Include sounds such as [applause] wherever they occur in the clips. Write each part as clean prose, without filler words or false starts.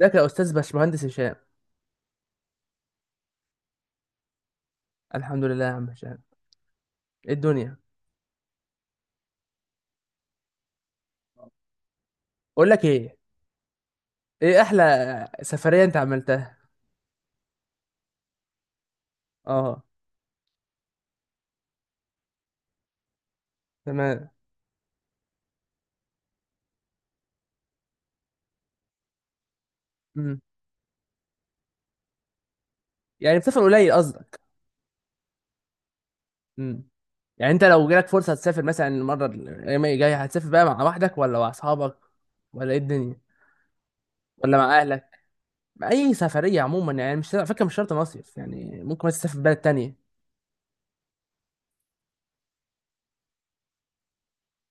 ازيك يا استاذ باشمهندس هشام. الحمد لله يا عم هشام، ايه الدنيا؟ اقول لك ايه، ايه احلى سفريه انت عملتها؟ اه، تمام. امم يعني بتسافر قليل قصدك؟ امم يعني انت لو جالك فرصه تسافر مثلا المره الايام الجايه هتسافر بقى مع وحدك ولا مع اصحابك ولا ايه الدنيا ولا مع اهلك، مع اي سفريه عموما؟ يعني مش على فكره مش شرط مصيف، يعني ممكن مثلا تسافر بلد تانية.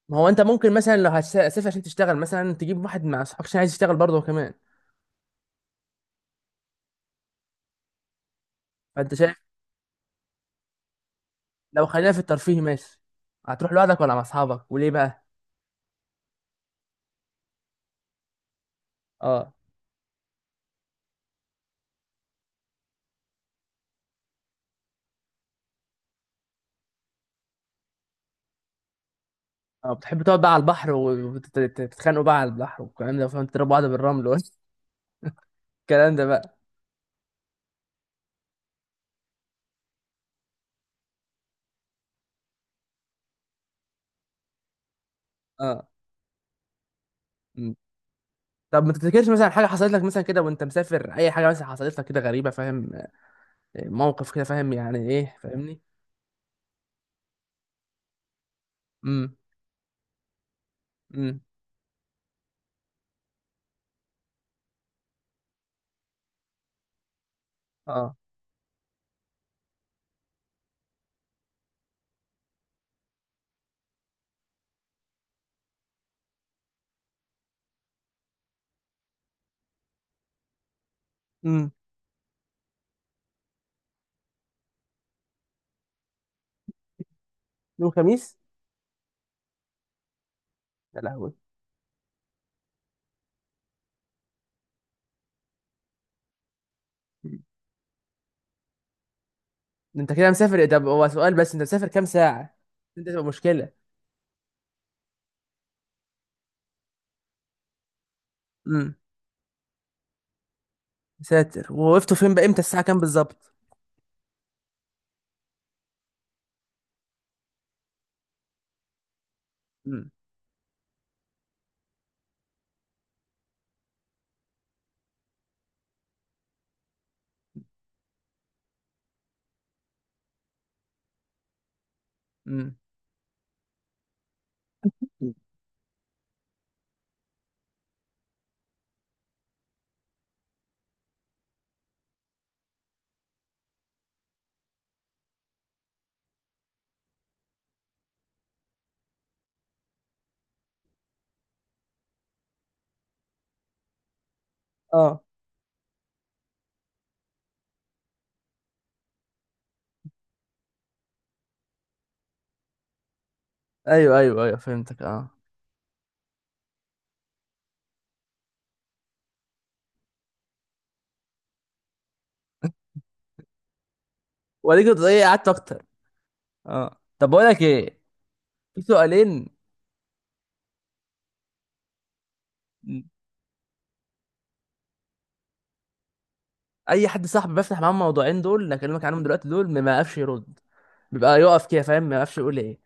ما هو انت ممكن مثلا لو هتسافر عشان تشتغل مثلا تجيب واحد مع اصحابك عشان عايز يشتغل برضه هو كمان. فانت شايف لو خلينا في الترفيه ماشي، هتروح لوحدك ولا مع اصحابك وليه بقى؟ اه. اه، بتحب تقعد بقى على البحر وتتخانقوا بقى على البحر والكلام ده، فاهم؟ تضربوا بعض بالرمل والكلام [laughs] ده بقى. اه. مم. طب ما تفتكرش مثلا حاجه حصلت لك مثلا كده وانت مسافر، اي حاجه مثلا حصلت لك كده غريبه، فاهم؟ موقف كده، فاهم يعني ايه فاهمني؟ امم امم اه. امم يوم خميس. يا لهوي. مم. انت كده مسافر إيه؟ طب هو سؤال بس، انت مسافر كام ساعه؟ انت تبقى مشكله. امم ساتر، ووقفتوا فين بقى؟ امتى الساعه كام بالظبط؟ امم اه. ايوه ايوه ايوه، فهمتك. اه، وليك كنت ايه قعدت اكتر؟ اه، طب بقول لك ايه، في سؤالين. اي حد صاحبي بفتح معاه الموضوعين دول اللي اكلمك عنهم دلوقتي دول ما يعرفش يرد، بيبقى يقف كده فاهم، ما يعرفش يقول ايه.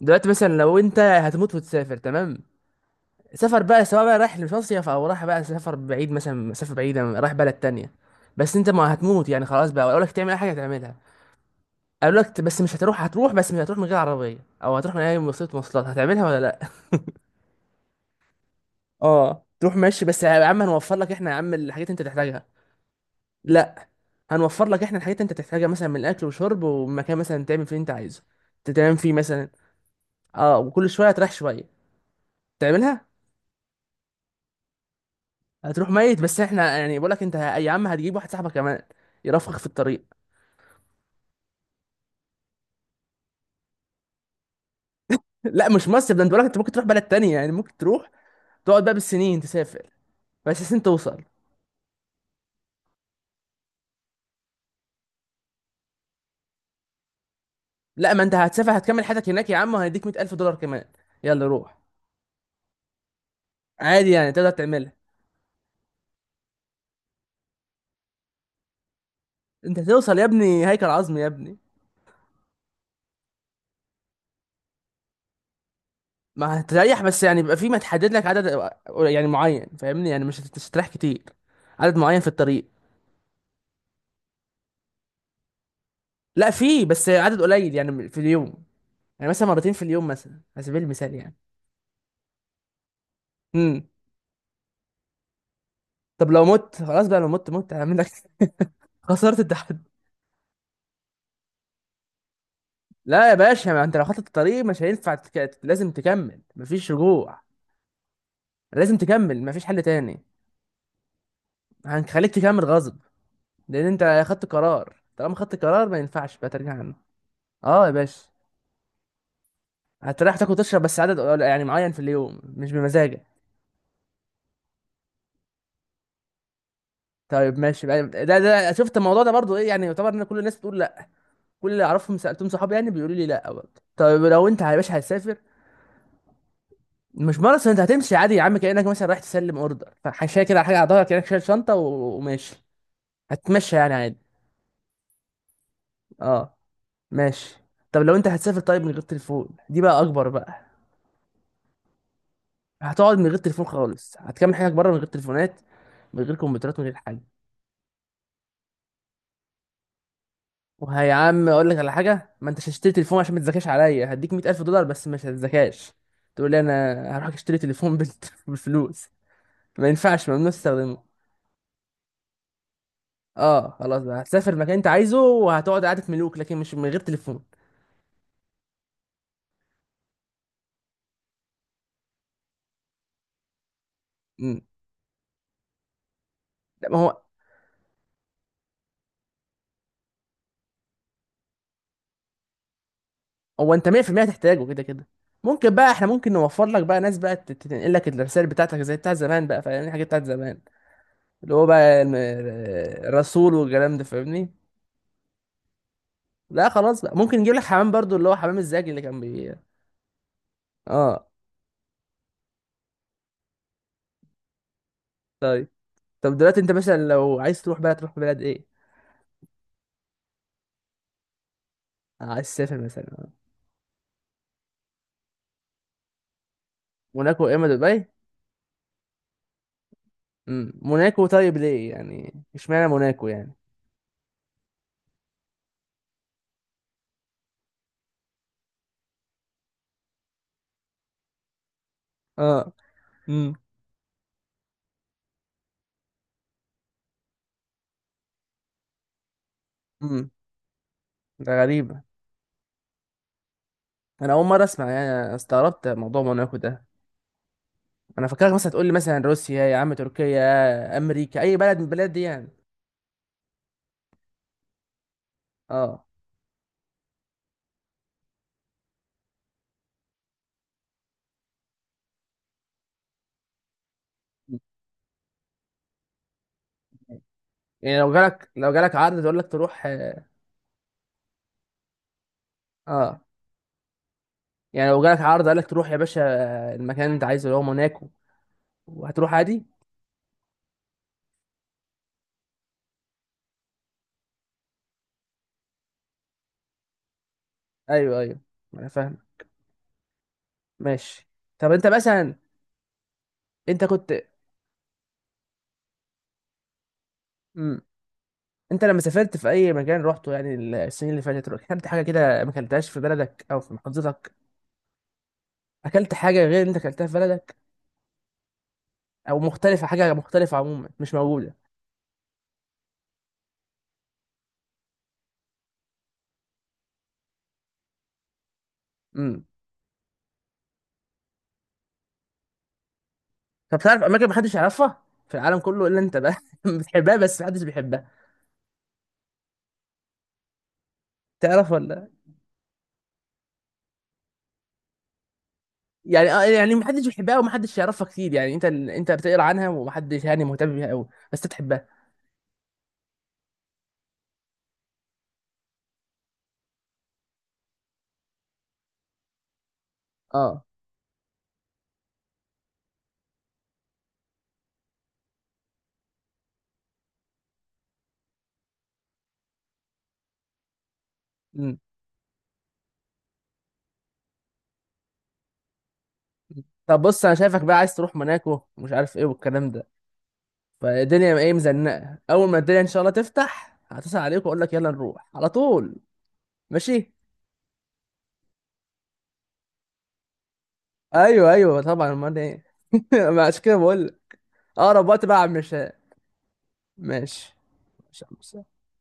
دلوقتي مثلا لو انت هتموت وتسافر تمام، سفر بقى سواء بقى رايح لمصيف او رايح بقى سفر بعيد مثلا، مسافه بعيده رايح بلد تانية. بس انت ما هتموت يعني خلاص، بقى اقول لك تعمل اي حاجه هتعملها. اقول لك بس مش هتروح، هتروح بس مش هتروح من غير عربيه، او هتروح من اي وسيله مواصلات هتعملها ولا لا؟ [laughs] اه تروح ماشي، بس يا عم هنوفر لك احنا يا عم الحاجات اللي انت تحتاجها. لا. هنوفر لك احنا الحاجات اللي انت تحتاجها، مثلا من الاكل وشرب ومكان مثلا تعمل فيه اللي انت عايزه، تنام فيه مثلا. اه، وكل شويه هتريح شويه تعملها. هتروح ميت بس احنا يعني بقول لك انت يا عم هتجيب واحد صاحبك كمان يرافقك في الطريق. [laughs] لا مش مصر ده، انت بقول لك انت ممكن تروح بلد تانية، يعني ممكن تروح تقعد بقى بالسنين تسافر بس عشان توصل. لا ما انت هتسافر هتكمل حياتك هناك يا عم، وهيديك $100000 كمان. يلا روح، عادي يعني تقدر تعملها. انت هتوصل يا ابني هيكل عظمي يا ابني. ما هتريح بس يعني بيبقى في ما تحدد لك عدد، يعني معين فاهمني، يعني مش هتريح كتير، عدد معين في الطريق. لا في بس عدد قليل يعني في اليوم، يعني مثلا مرتين في اليوم مثلا على سبيل المثال يعني. امم طب لو مت خلاص بقى، لو مت هعمل لك. [laughs] خسرت التحدي. لا يا باشا، ما انت لو خطت الطريق مش هينفع لازم تكمل مفيش رجوع. لازم تكمل مفيش حل تاني. هنخليك تكمل غصب، لان انت خدت قرار، طالما خدت قرار ما ينفعش بقى ترجع عنه. اه يا باشا، هتريح تاكل وتشرب بس عدد يعني معين في اليوم مش بمزاجك. طيب ماشي بقى، ده شفت الموضوع ده برضو ايه يعني، يعتبر ان كل الناس بتقول لا، كل اللي اعرفهم سالتهم صحابي يعني بيقولوا لي لا برضه. طيب لو انت يا باشا هتسافر، مش ماراثون، انت هتمشي عادي يا عم، كانك مثلا رايح تسلم اوردر فحاشيه كده على حاجه على ظهرك، كانك شايل شنطه وماشي، هتمشي يعني عادي. اه ماشي. طب لو انت هتسافر، طيب من غير تليفون دي بقى اكبر بقى. هتقعد من غير تليفون خالص، هتكمل حياتك بره من غير تليفونات، من غير كمبيوترات، من غير حاجه. وهي يا عم اقول لك على حاجه، ما انتش هتشتري تليفون، عشان ما تذاكرش عليا هديك $100000 بس مش هتذاكاش. تقول لي انا هروح اشتري تليفون [laughs] بالفلوس، ما ينفعش، ممنوع تستخدمه. اه خلاص بقى، هتسافر مكان انت عايزه وهتقعد قعده ملوك، لكن مش من غير تليفون. امم لا ما هو انت 100% هتحتاجه كده كده. ممكن بقى احنا ممكن نوفر لك بقى ناس بقى تنقل لك الرسائل بتاعتك زي بتاع زمان بقى، فاهم الحاجات بتاعت زمان، اللي هو بقى الرسول والكلام ده فاهمني. لا خلاص بقى، ممكن نجيب لك حمام برضو، اللي هو حمام الزاجي اللي كان بي. اه، طب دلوقتي انت مثلا لو عايز تروح بلد تروح بلد ايه؟ عايز تسافر مثلا موناكو يا اما دبي؟ موناكو، طيب ليه يعني اشمعنى موناكو يعني؟ اه. امم امم ده غريبة، انا اول مرة اسمع يعني، أنا استغربت موضوع موناكو ده. انا فكرك مثلا تقول لي مثلا روسيا يا عم، تركيا، يا امريكا، اي بلد من البلاد دي يعني. اه، يعني لو جالك عرض تقول لك تروح؟ اه. آه. يعني لو جالك عرض قال لك تروح يا باشا المكان اللي انت عايزه اللي هو موناكو، وهتروح عادي؟ ايوه ايوه، انا فاهم. ماشي. طب انت مثلا، انت كنت، مم. انت لما سافرت في اي مكان روحته يعني السنين اللي فاتت اكلت حاجه كده ما اكلتهاش في بلدك او في محافظتك؟ اكلت حاجه غير اللي انت اكلتها في بلدك، او مختلفه، حاجه مختلفه عموما مش موجوده. امم طب تعرف اماكن ما حدش يعرفها في العالم كله الا انت بقى [laughs] بتحبها بس ما حدش بيحبها، تعرف ولا؟ يعني اه، يعني ما حدش بيحبها وما حدش يعرفها كتير، يعني انت انت بتقرا عنها وما حدش يعني مهتم بيها قوي، بس انت بتحبها. اه. امم طب بص، انا شايفك بقى عايز تروح موناكو ومش عارف ايه والكلام ده، فالدنيا ايه مزنقه، اول ما الدنيا ان شاء الله تفتح هتصل عليك واقول لك يلا نروح على طول. ماشي. ايوه ايوه طبعا، امال ايه؟ [laughs] ما عشان كده بقول لك. اقرب وقت بقى على المشاء. ماشي. ماشي يا عم هشام.